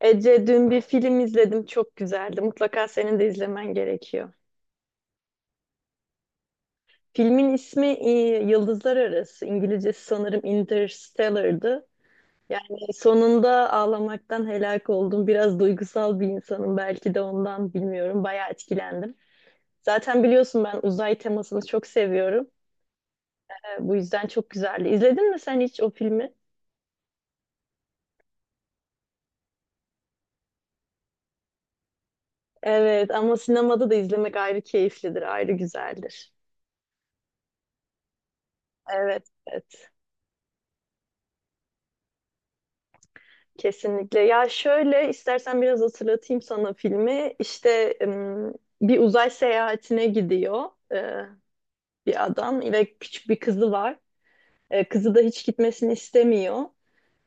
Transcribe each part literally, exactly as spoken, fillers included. Ece dün bir film izledim çok güzeldi. Mutlaka senin de izlemen gerekiyor. Filmin ismi e, Yıldızlar Arası. İngilizcesi sanırım Interstellar'dı. Yani sonunda ağlamaktan helak oldum. Biraz duygusal bir insanım belki de ondan bilmiyorum. Bayağı etkilendim. Zaten biliyorsun ben uzay temasını çok seviyorum. E, Bu yüzden çok güzeldi. İzledin mi sen hiç o filmi? Evet ama sinemada da izlemek ayrı keyiflidir, ayrı güzeldir. Evet, evet. Kesinlikle. Ya şöyle istersen biraz hatırlatayım sana filmi. İşte ım, bir uzay seyahatine gidiyor e, bir adam ve küçük bir kızı var. E, Kızı da hiç gitmesini istemiyor.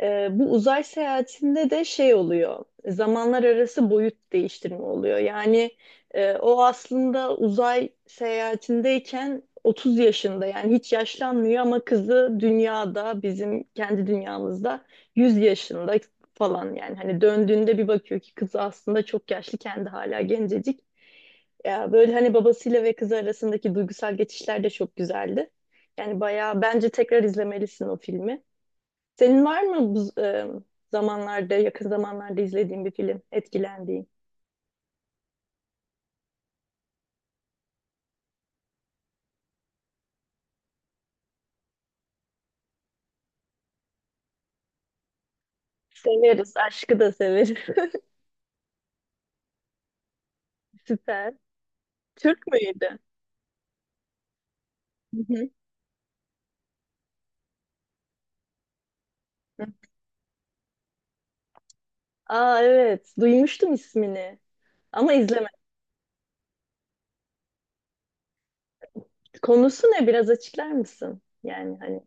Ee, bu uzay seyahatinde de şey oluyor, zamanlar arası boyut değiştirme oluyor. Yani e, o aslında uzay seyahatindeyken otuz yaşında yani hiç yaşlanmıyor ama kızı dünyada bizim kendi dünyamızda yüz yaşında falan yani hani döndüğünde bir bakıyor ki kızı aslında çok yaşlı kendi hala gencecik. Ya böyle hani babasıyla ve kızı arasındaki duygusal geçişler de çok güzeldi. Yani bayağı bence tekrar izlemelisin o filmi. Senin var mı bu e, zamanlarda, yakın zamanlarda izlediğin bir film, etkilendiğin? Severiz, aşkı da severiz. Süper. Türk müydü? Hı hı. Hı. Aa evet, duymuştum ismini ama izlemedim. Konusu ne? Biraz açıklar mısın? Yani hani.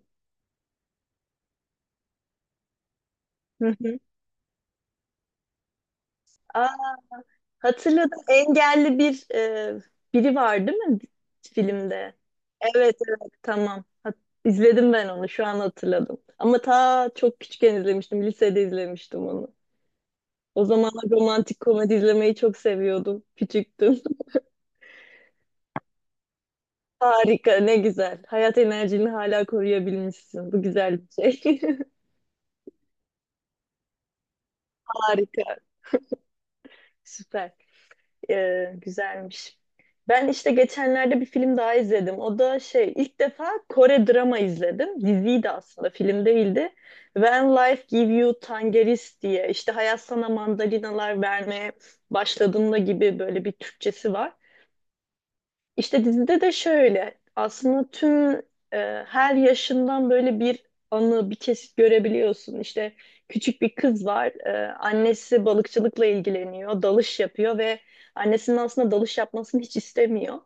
Hı hı. Aa, hatırladım. Engelli bir e, biri var değil mi filmde? Evet evet tamam. Hat- İzledim ben onu şu an hatırladım. Ama ta çok küçükken izlemiştim. Lisede izlemiştim onu. O zamanlar romantik komedi izlemeyi çok seviyordum. Küçüktüm. Harika, ne güzel. Hayat enerjini hala koruyabilmişsin. Bu güzel bir şey. Harika, süper. Ee, güzelmiş. Ben işte geçenlerde bir film daha izledim. O da şey, ilk defa Kore drama izledim. Diziydi aslında, film değildi. When Life Give You Tangerines diye işte hayat sana mandalinalar vermeye başladığında gibi böyle bir Türkçesi var. İşte dizide de şöyle aslında tüm e, her yaşından böyle bir anı bir kesit görebiliyorsun. İşte küçük bir kız var e, annesi balıkçılıkla ilgileniyor dalış yapıyor ve annesinin aslında dalış yapmasını hiç istemiyor.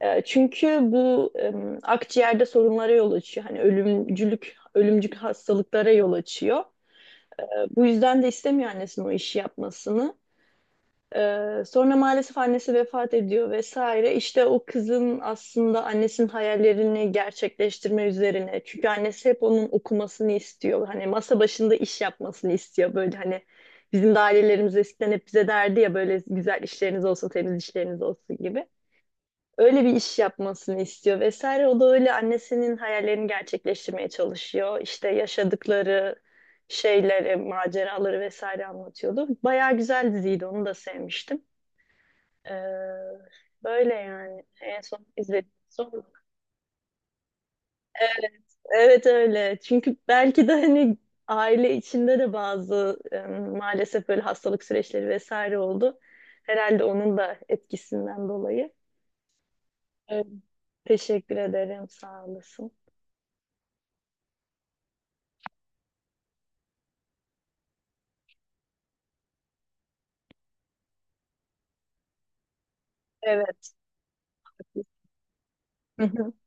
E, çünkü bu e, akciğerde sorunlara yol açıyor. Hani ölümcülük, ölümcül hastalıklara yol açıyor. E, bu yüzden de istemiyor annesinin o işi yapmasını. Ee, sonra maalesef annesi vefat ediyor vesaire. İşte o kızın aslında annesinin hayallerini gerçekleştirme üzerine. Çünkü annesi hep onun okumasını istiyor. Hani masa başında iş yapmasını istiyor. Böyle hani bizim de ailelerimiz eskiden hep bize derdi ya böyle güzel işleriniz olsun, temiz işleriniz olsun gibi. Öyle bir iş yapmasını istiyor vesaire. O da öyle annesinin hayallerini gerçekleştirmeye çalışıyor. İşte yaşadıkları şeyleri, maceraları vesaire anlatıyordu. Bayağı güzel diziydi, onu da sevmiştim. Ee, böyle yani en son izlediğim son. Evet, evet öyle. Çünkü belki de hani aile içinde de bazı e, maalesef böyle hastalık süreçleri vesaire oldu. Herhalde onun da etkisinden dolayı. Evet. Teşekkür ederim. Sağ olasın. Evet.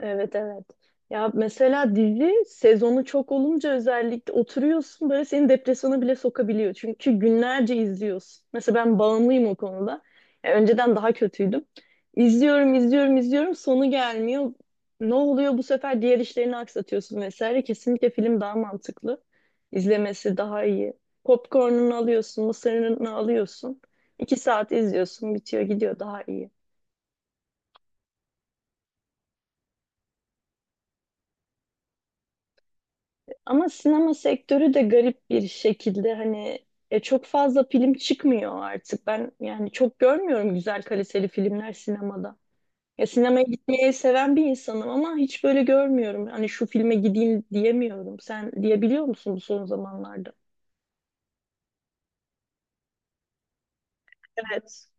Evet evet. Ya mesela dizi sezonu çok olunca özellikle oturuyorsun böyle seni depresyona bile sokabiliyor. Çünkü günlerce izliyorsun. Mesela ben bağımlıyım o konuda. Ya önceden daha kötüydüm. İzliyorum, izliyorum, izliyorum. Sonu gelmiyor. Ne oluyor bu sefer diğer işlerini aksatıyorsun vesaire. Kesinlikle film daha mantıklı. İzlemesi daha iyi. Popcorn'unu alıyorsun, mısırını alıyorsun. İki saat izliyorsun, bitiyor, gidiyor daha iyi. Ama sinema sektörü de garip bir şekilde hani e, çok fazla film çıkmıyor artık. Ben yani çok görmüyorum güzel kaliteli filmler sinemada. Ya sinemaya gitmeyi seven bir insanım ama hiç böyle görmüyorum. Hani şu filme gideyim diyemiyorum. Sen diyebiliyor musun bu son zamanlarda? Evet.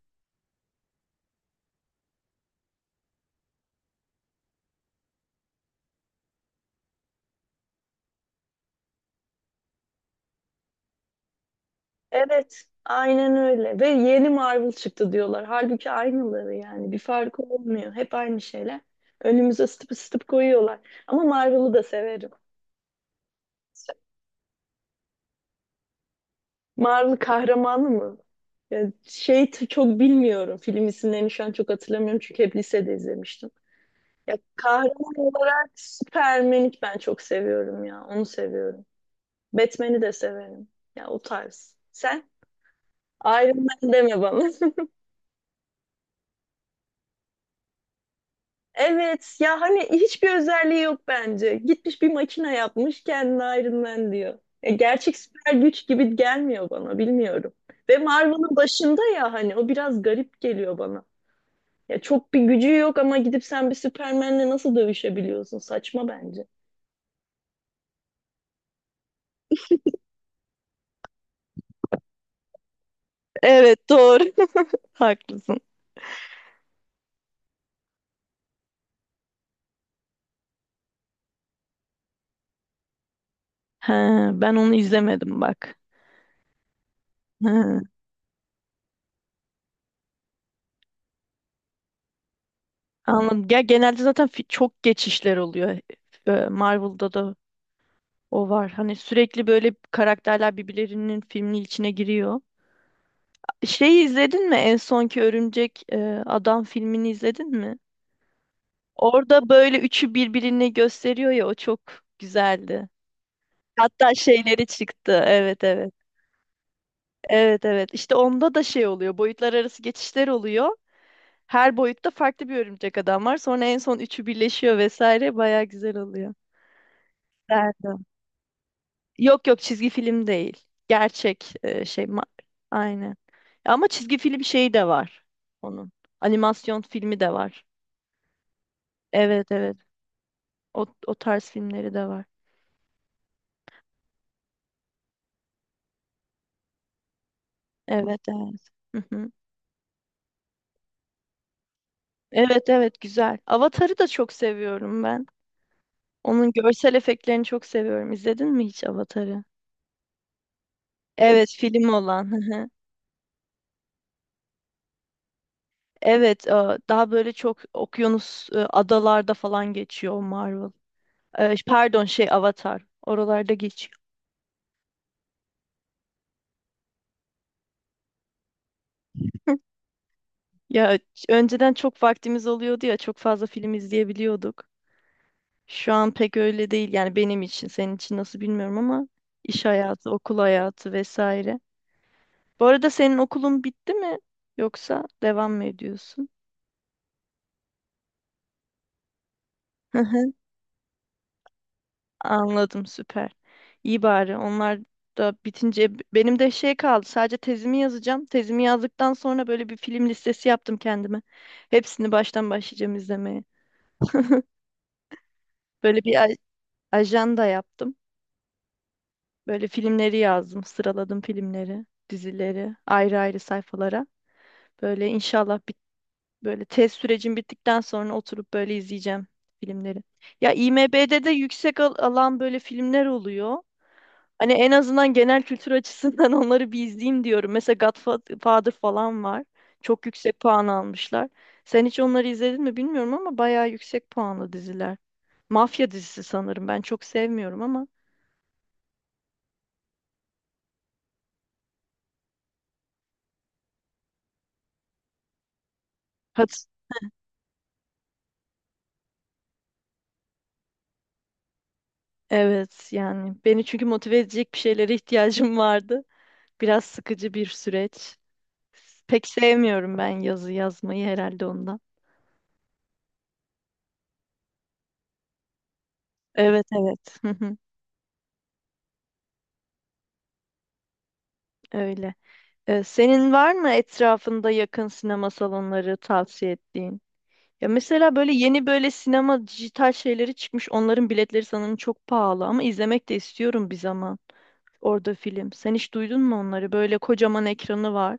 Evet. Aynen öyle. Ve yeni Marvel çıktı diyorlar. Halbuki aynıları yani. Bir farkı olmuyor. Hep aynı şeyler. Önümüze sıtıp sıtıp koyuyorlar. Ama Marvel'ı da severim. Mar'ın kahramanı mı? Ya şey t- çok bilmiyorum. Film isimlerini şu an çok hatırlamıyorum çünkü hep lisede izlemiştim. Ya kahraman olarak Superman'i ben çok seviyorum ya. Onu seviyorum. Batman'i de severim. Ya o tarz. Sen? Iron Man deme bana. Evet ya hani hiçbir özelliği yok bence. Gitmiş bir makine yapmış kendine Iron Man diyor. Ya gerçek süper güç gibi gelmiyor bana bilmiyorum. Ve Marvel'ın başında ya hani o biraz garip geliyor bana. Ya çok bir gücü yok ama gidip sen bir Süpermen'le nasıl dövüşebiliyorsun? Saçma bence. Evet doğru. Haklısın. He, ben onu izlemedim bak. He, anladım. Ya genelde zaten fi- çok geçişler oluyor. E, Marvel'da da o var. Hani sürekli böyle karakterler birbirlerinin filminin içine giriyor. Şeyi izledin mi? En sonki Örümcek e, Adam filmini izledin mi? Orada böyle üçü birbirini gösteriyor ya o çok güzeldi. Hatta şeyleri çıktı. Evet evet. Evet evet işte onda da şey oluyor boyutlar arası geçişler oluyor. Her boyutta farklı bir örümcek adam var. Sonra en son üçü birleşiyor vesaire. Baya güzel oluyor. Nereden? Yok yok çizgi film değil. Gerçek e, şey. ma- Aynen. Ama çizgi film şeyi de var onun. Animasyon filmi de var. Evet evet. O, o tarz filmleri de var. Evet evet. Hı hı. Evet evet güzel. Avatar'ı da çok seviyorum ben. Onun görsel efektlerini çok seviyorum. İzledin mi hiç Avatar'ı? Evet film olan. Hı hı. Evet e, daha böyle çok okyanus e, adalarda falan geçiyor o Marvel. E, Pardon şey Avatar. Oralarda geçiyor. Ya önceden çok vaktimiz oluyordu ya çok fazla film izleyebiliyorduk. Şu an pek öyle değil yani benim için senin için nasıl bilmiyorum ama iş hayatı, okul hayatı vesaire. Bu arada senin okulun bitti mi yoksa devam mı ediyorsun? Anladım süper. İyi bari onlar da bitince benim de şey kaldı sadece tezimi yazacağım. Tezimi yazdıktan sonra böyle bir film listesi yaptım kendime. Hepsini baştan başlayacağım izlemeye. Böyle bir aj- ajanda yaptım. Böyle filmleri yazdım, sıraladım filmleri, dizileri ayrı ayrı sayfalara. Böyle inşallah bit böyle tez sürecim bittikten sonra oturup böyle izleyeceğim filmleri. Ya IMDb'de de yüksek al- alan böyle filmler oluyor. Hani en azından genel kültür açısından onları bir izleyeyim diyorum. Mesela Godfather falan var. Çok yüksek puan almışlar. Sen hiç onları izledin mi bilmiyorum ama bayağı yüksek puanlı diziler. Mafya dizisi sanırım. Ben çok sevmiyorum ama. Hat evet yani beni çünkü motive edecek bir şeylere ihtiyacım vardı. Biraz sıkıcı bir süreç. Pek sevmiyorum ben yazı yazmayı herhalde ondan. Evet evet. Hı hı, öyle. Ee, senin var mı etrafında yakın sinema salonları tavsiye ettiğin? Ya mesela böyle yeni böyle sinema dijital şeyleri çıkmış. Onların biletleri sanırım çok pahalı ama izlemek de istiyorum bir zaman orada film. Sen hiç duydun mu onları? Böyle kocaman ekranı var.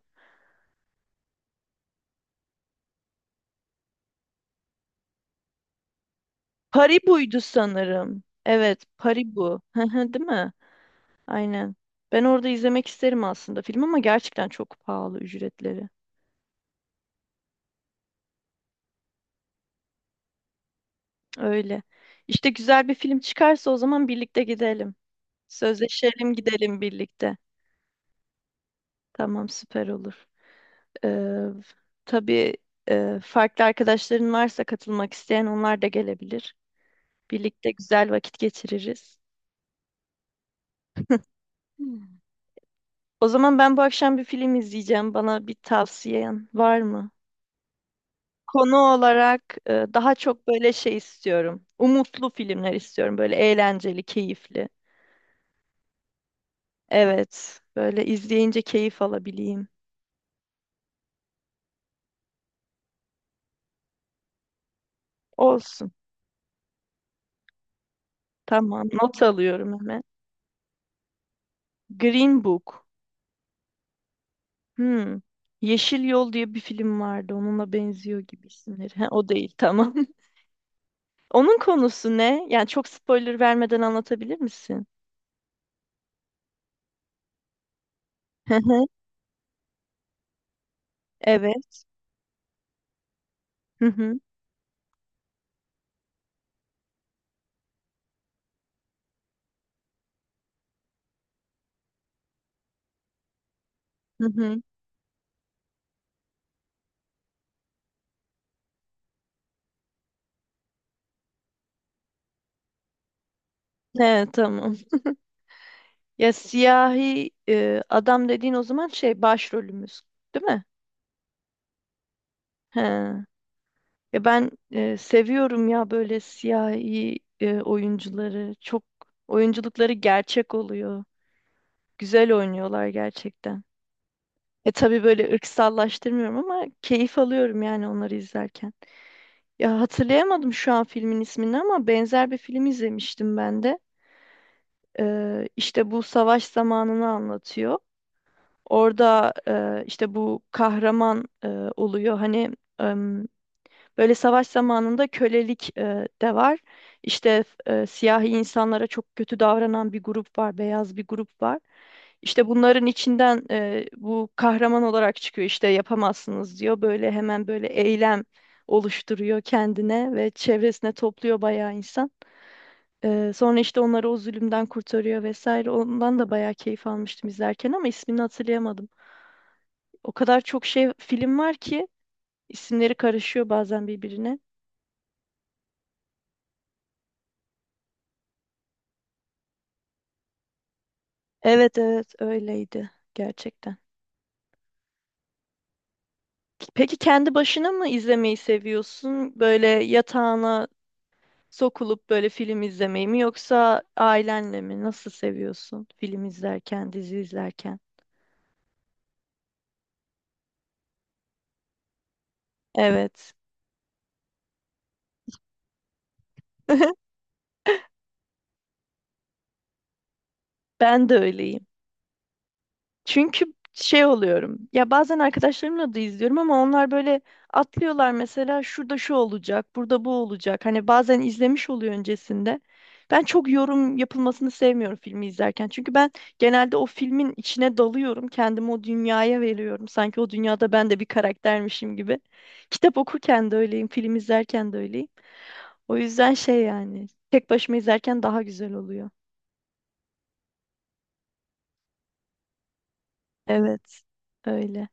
Paribu'ydu sanırım. Evet, Paribu. Hı hı, değil mi? Aynen. Ben orada izlemek isterim aslında film ama gerçekten çok pahalı ücretleri. Öyle. İşte güzel bir film çıkarsa o zaman birlikte gidelim. Sözleşelim gidelim birlikte. Tamam, süper olur. Ee, tabii e, farklı arkadaşların varsa katılmak isteyen onlar da gelebilir. Birlikte güzel vakit geçiririz. Hmm. O zaman ben bu akşam bir film izleyeceğim. Bana bir tavsiyen var mı? Konu olarak e, daha çok böyle şey istiyorum. Umutlu filmler istiyorum. Böyle eğlenceli, keyifli. Evet, böyle izleyince keyif alabileyim. Olsun. Tamam, not alıyorum hemen. Green Book. Hmm. Yeşil Yol diye bir film vardı. Onunla benziyor gibi isimleri. Ha, o değil tamam. Onun konusu ne? Yani çok spoiler vermeden anlatabilir misin? Hı hı. Evet. Hı hı. Hı hı. He, tamam. Ya siyahi e, adam dediğin o zaman şey başrolümüz, değil mi? He. Ya ben e, seviyorum ya böyle siyahi e, oyuncuları. Çok oyunculukları gerçek oluyor. Güzel oynuyorlar gerçekten. E tabii böyle ırksallaştırmıyorum ama keyif alıyorum yani onları izlerken. Ya hatırlayamadım şu an filmin ismini ama benzer bir film izlemiştim ben de. Ee, işte bu savaş zamanını anlatıyor. Orada e, işte bu kahraman e, oluyor. Hani böyle savaş zamanında kölelik e, de var. İşte e, siyahi insanlara çok kötü davranan bir grup var, beyaz bir grup var. İşte bunların içinden e, bu kahraman olarak çıkıyor. İşte yapamazsınız diyor. Böyle hemen böyle eylem oluşturuyor kendine ve çevresine topluyor bayağı insan. E, sonra işte onları o zulümden kurtarıyor vesaire. Ondan da bayağı keyif almıştım izlerken ama ismini hatırlayamadım. O kadar çok şey film var ki isimleri karışıyor bazen birbirine. Evet evet öyleydi gerçekten. Peki kendi başına mı izlemeyi seviyorsun? Böyle yatağına sokulup böyle film izlemeyi mi yoksa ailenle mi? Nasıl seviyorsun film izlerken, dizi izlerken? Evet. Ben de öyleyim. Çünkü şey oluyorum. Ya bazen arkadaşlarımla da izliyorum ama onlar böyle atlıyorlar mesela şurada şu olacak, burada bu olacak. Hani bazen izlemiş oluyor öncesinde. Ben çok yorum yapılmasını sevmiyorum filmi izlerken. Çünkü ben genelde o filmin içine dalıyorum. Kendimi o dünyaya veriyorum. Sanki o dünyada ben de bir karaktermişim gibi. Kitap okurken de öyleyim, film izlerken de öyleyim. O yüzden şey yani tek başıma izlerken daha güzel oluyor. Evet, öyle.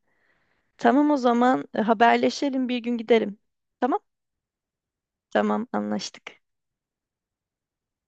Tamam o zaman e, haberleşelim bir gün giderim. Tamam? Tamam anlaştık.